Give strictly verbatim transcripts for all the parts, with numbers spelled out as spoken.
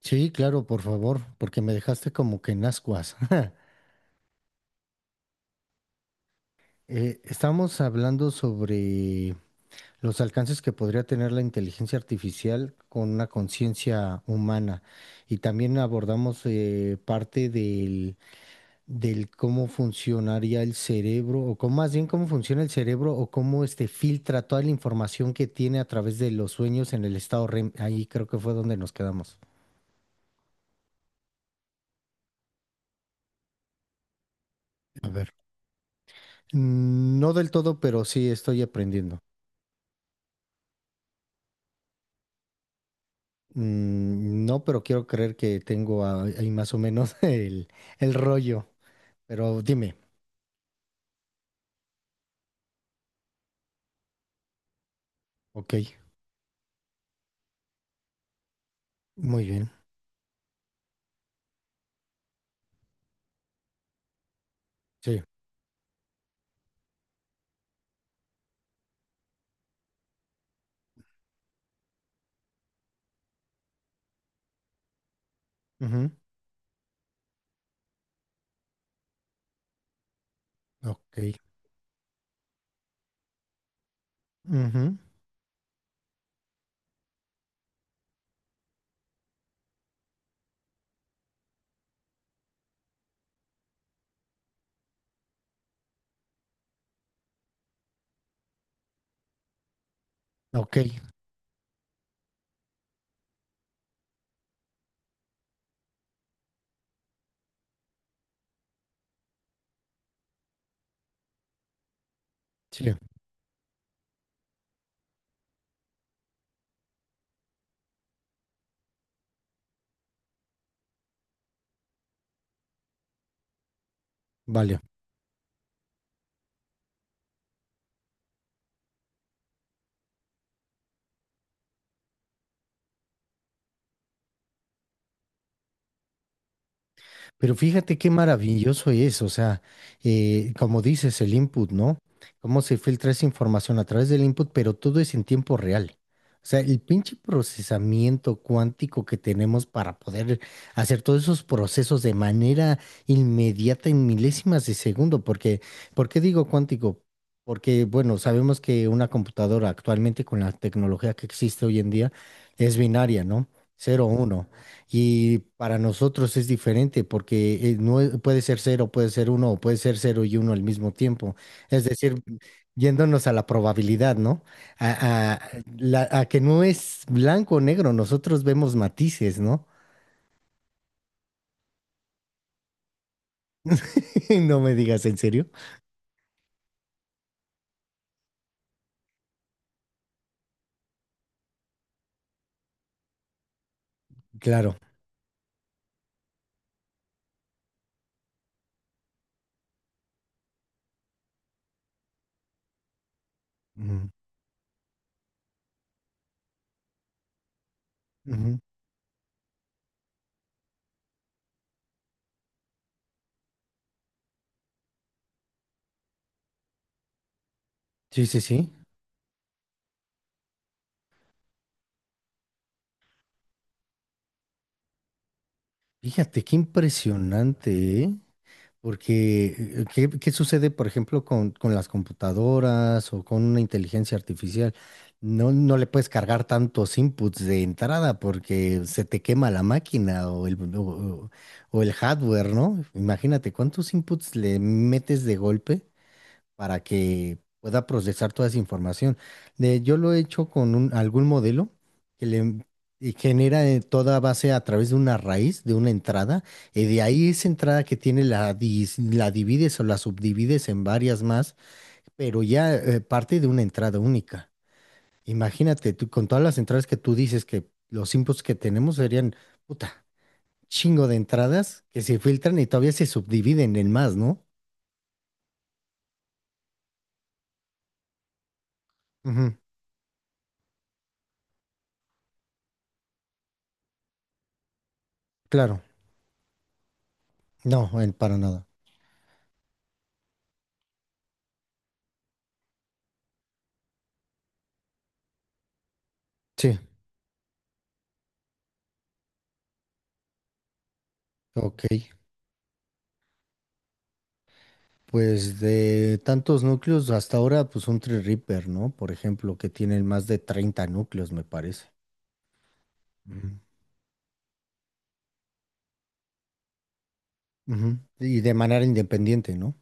Sí, claro, por favor, porque me dejaste como que en ascuas. Eh, estamos hablando sobre los alcances que podría tener la inteligencia artificial con una conciencia humana y también abordamos eh, parte del, del cómo funcionaría el cerebro o cómo, más bien cómo funciona el cerebro o cómo este filtra toda la información que tiene a través de los sueños en el estado R E M. Ahí creo que fue donde nos quedamos. A ver. No del todo, pero sí estoy aprendiendo. Mm, no, pero quiero creer que tengo a- ahí más o menos el, el rollo. Pero dime, ok, muy bien, sí, ujú, ok, ujú, ok, sí, vale. Pero fíjate qué maravilloso es, o sea, eh, como dices, el input, ¿no? Cómo se filtra esa información a través del input, pero todo es en tiempo real. O sea, el pinche procesamiento cuántico que tenemos para poder hacer todos esos procesos de manera inmediata en milésimas de segundo, porque, ¿por qué digo cuántico? Porque, bueno, sabemos que una computadora actualmente con la tecnología que existe hoy en día es binaria, no. Cero uno. Y para nosotros es diferente porque eh, no es- puede ser cero, puede ser uno o puede ser cero y uno al mismo tiempo. Es decir, yéndonos a la probabilidad, ¿no? A, a- la- a que no es blanco o negro, nosotros vemos matices, ¿no? No me digas, en serio. Claro. Ujú, ujú. Sí, sí, sí. Fíjate, qué impresionante, ¿eh? Porque, ¿qué, qué sucede, por ejemplo, con, con las computadoras o con una inteligencia artificial? No, no le puedes cargar tantos inputs de entrada porque se te quema la máquina o el, o, o- o el hardware, ¿no? Imagínate cuántos inputs le metes de golpe para que pueda procesar toda esa información. De, yo lo he hecho con un- algún modelo que le y genera eh, toda base a través de una raíz, de una entrada, y de ahí esa entrada que tiene la, dis- la divides o la subdivides en varias más, pero ya eh, parte de una entrada única. Imagínate, tú, con todas las entradas que tú dices que los inputs que tenemos serían, puta, chingo de entradas que se filtran y todavía se subdividen en más, ¿no? Ujú, claro, no, en- para nada. Sí. Ok, pues de tantos núcleos hasta ahora, pues un Tree Reaper, ¿no? Por ejemplo, que tienen más de treinta núcleos, me parece. Ujú. Ujú. Y de manera independiente, ¿no?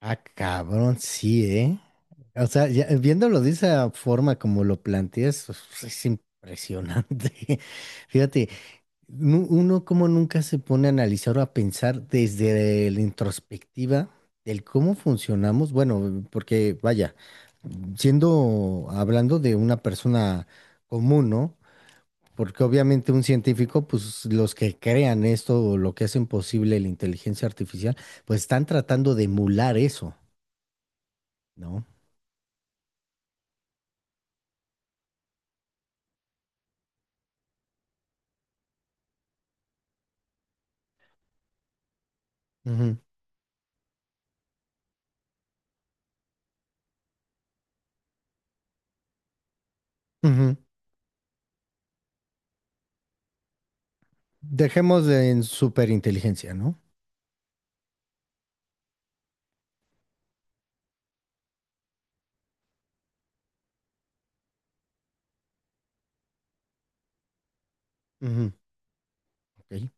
Ah, cabrón, sí, ¿eh? O sea, ya, viéndolo de esa forma como lo planteas, pues, es impresionante. Fíjate, nu- uno como nunca se pone a analizar o a pensar desde la introspectiva del cómo funcionamos, bueno, porque vaya, siendo, hablando de una persona común, ¿no? Porque obviamente un científico, pues los que crean esto o lo que hacen posible la inteligencia artificial, pues están tratando de emular eso, no. Ujú, ujú. Dejemos de en superinteligencia, ¿no? Ujú, ok.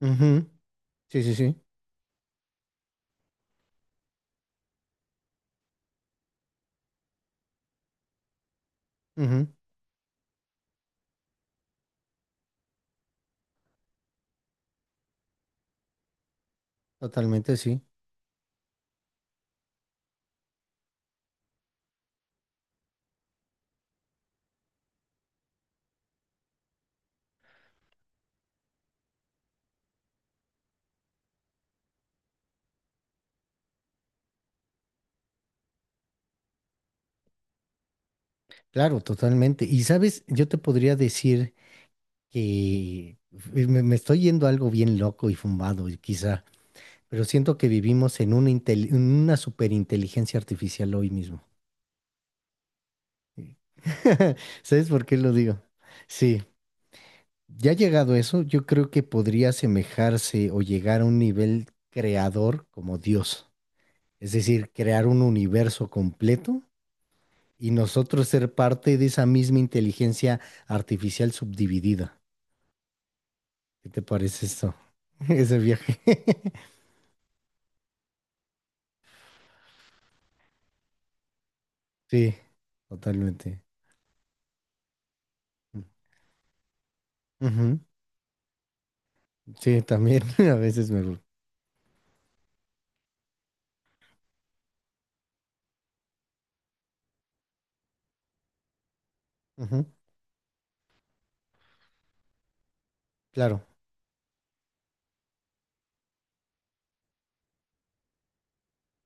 Ujú, sí, sí, sí. Ujú, totalmente, sí. Claro, totalmente. Y sabes, yo te podría decir que me, me estoy yendo a algo bien loco y fumado, y quizá, pero siento que vivimos en una, intel- en una superinteligencia artificial hoy mismo. ¿Sabes por qué lo digo? Sí, ya llegado a eso, yo creo que podría asemejarse o llegar a un nivel creador como Dios, es decir, crear un universo completo y nosotros ser parte de esa misma inteligencia artificial subdividida. ¿Qué te parece esto? Ese viaje. Sí, totalmente. Ujú. Sí, también a veces me gusta. Ujú, claro.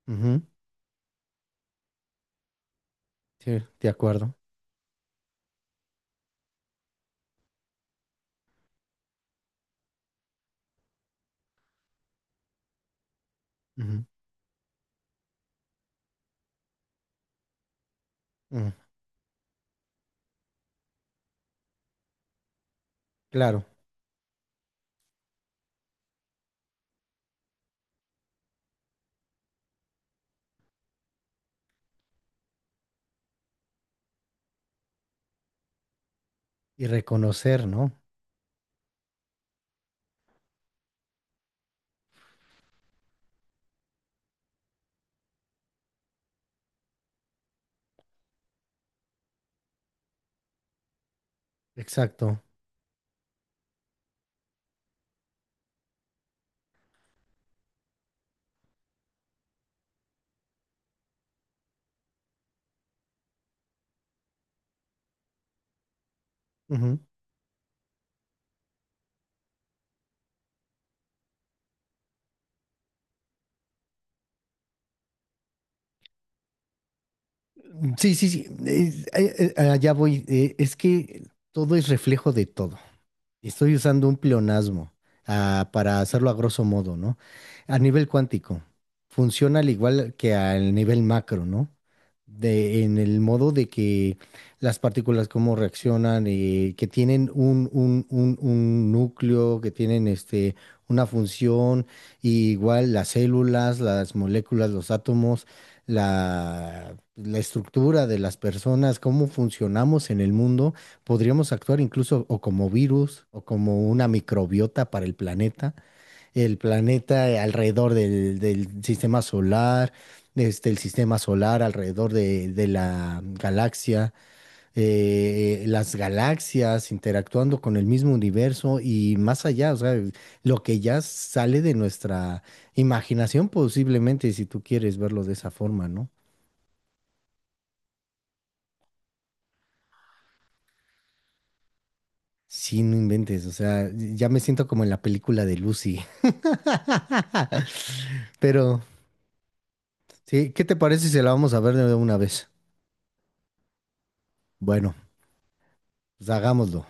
Ujú. Sí, de acuerdo. Ujú. Ujú. Claro. Y reconocer, ¿no? Exacto. Ujú. Sí, sí, sí. Es- eh, eh, allá voy. Eh, es que todo es reflejo de todo. Estoy usando un pleonasmo, ah, para hacerlo a grosso modo, ¿no? A nivel cuántico, funciona al igual que al nivel macro, ¿no? De, en el modo de que las partículas cómo reaccionan, eh, que tienen un, un, un, un núcleo, que tienen este, una función, y igual las células, las moléculas, los átomos, la, la estructura de las personas, cómo funcionamos en el mundo. Podríamos actuar incluso o como virus o como una microbiota para el planeta, el planeta alrededor del, del sistema solar, este, el sistema solar alrededor de, de la galaxia, eh, las galaxias interactuando con el mismo universo y más allá, o sea, lo que ya sale de nuestra imaginación posiblemente, si tú quieres verlo de esa forma, ¿no? Sí, no inventes, o sea, ya me siento como en la película de Lucy, pero... Sí, ¿qué te parece si la vamos a ver de una vez? Bueno, pues hagámoslo.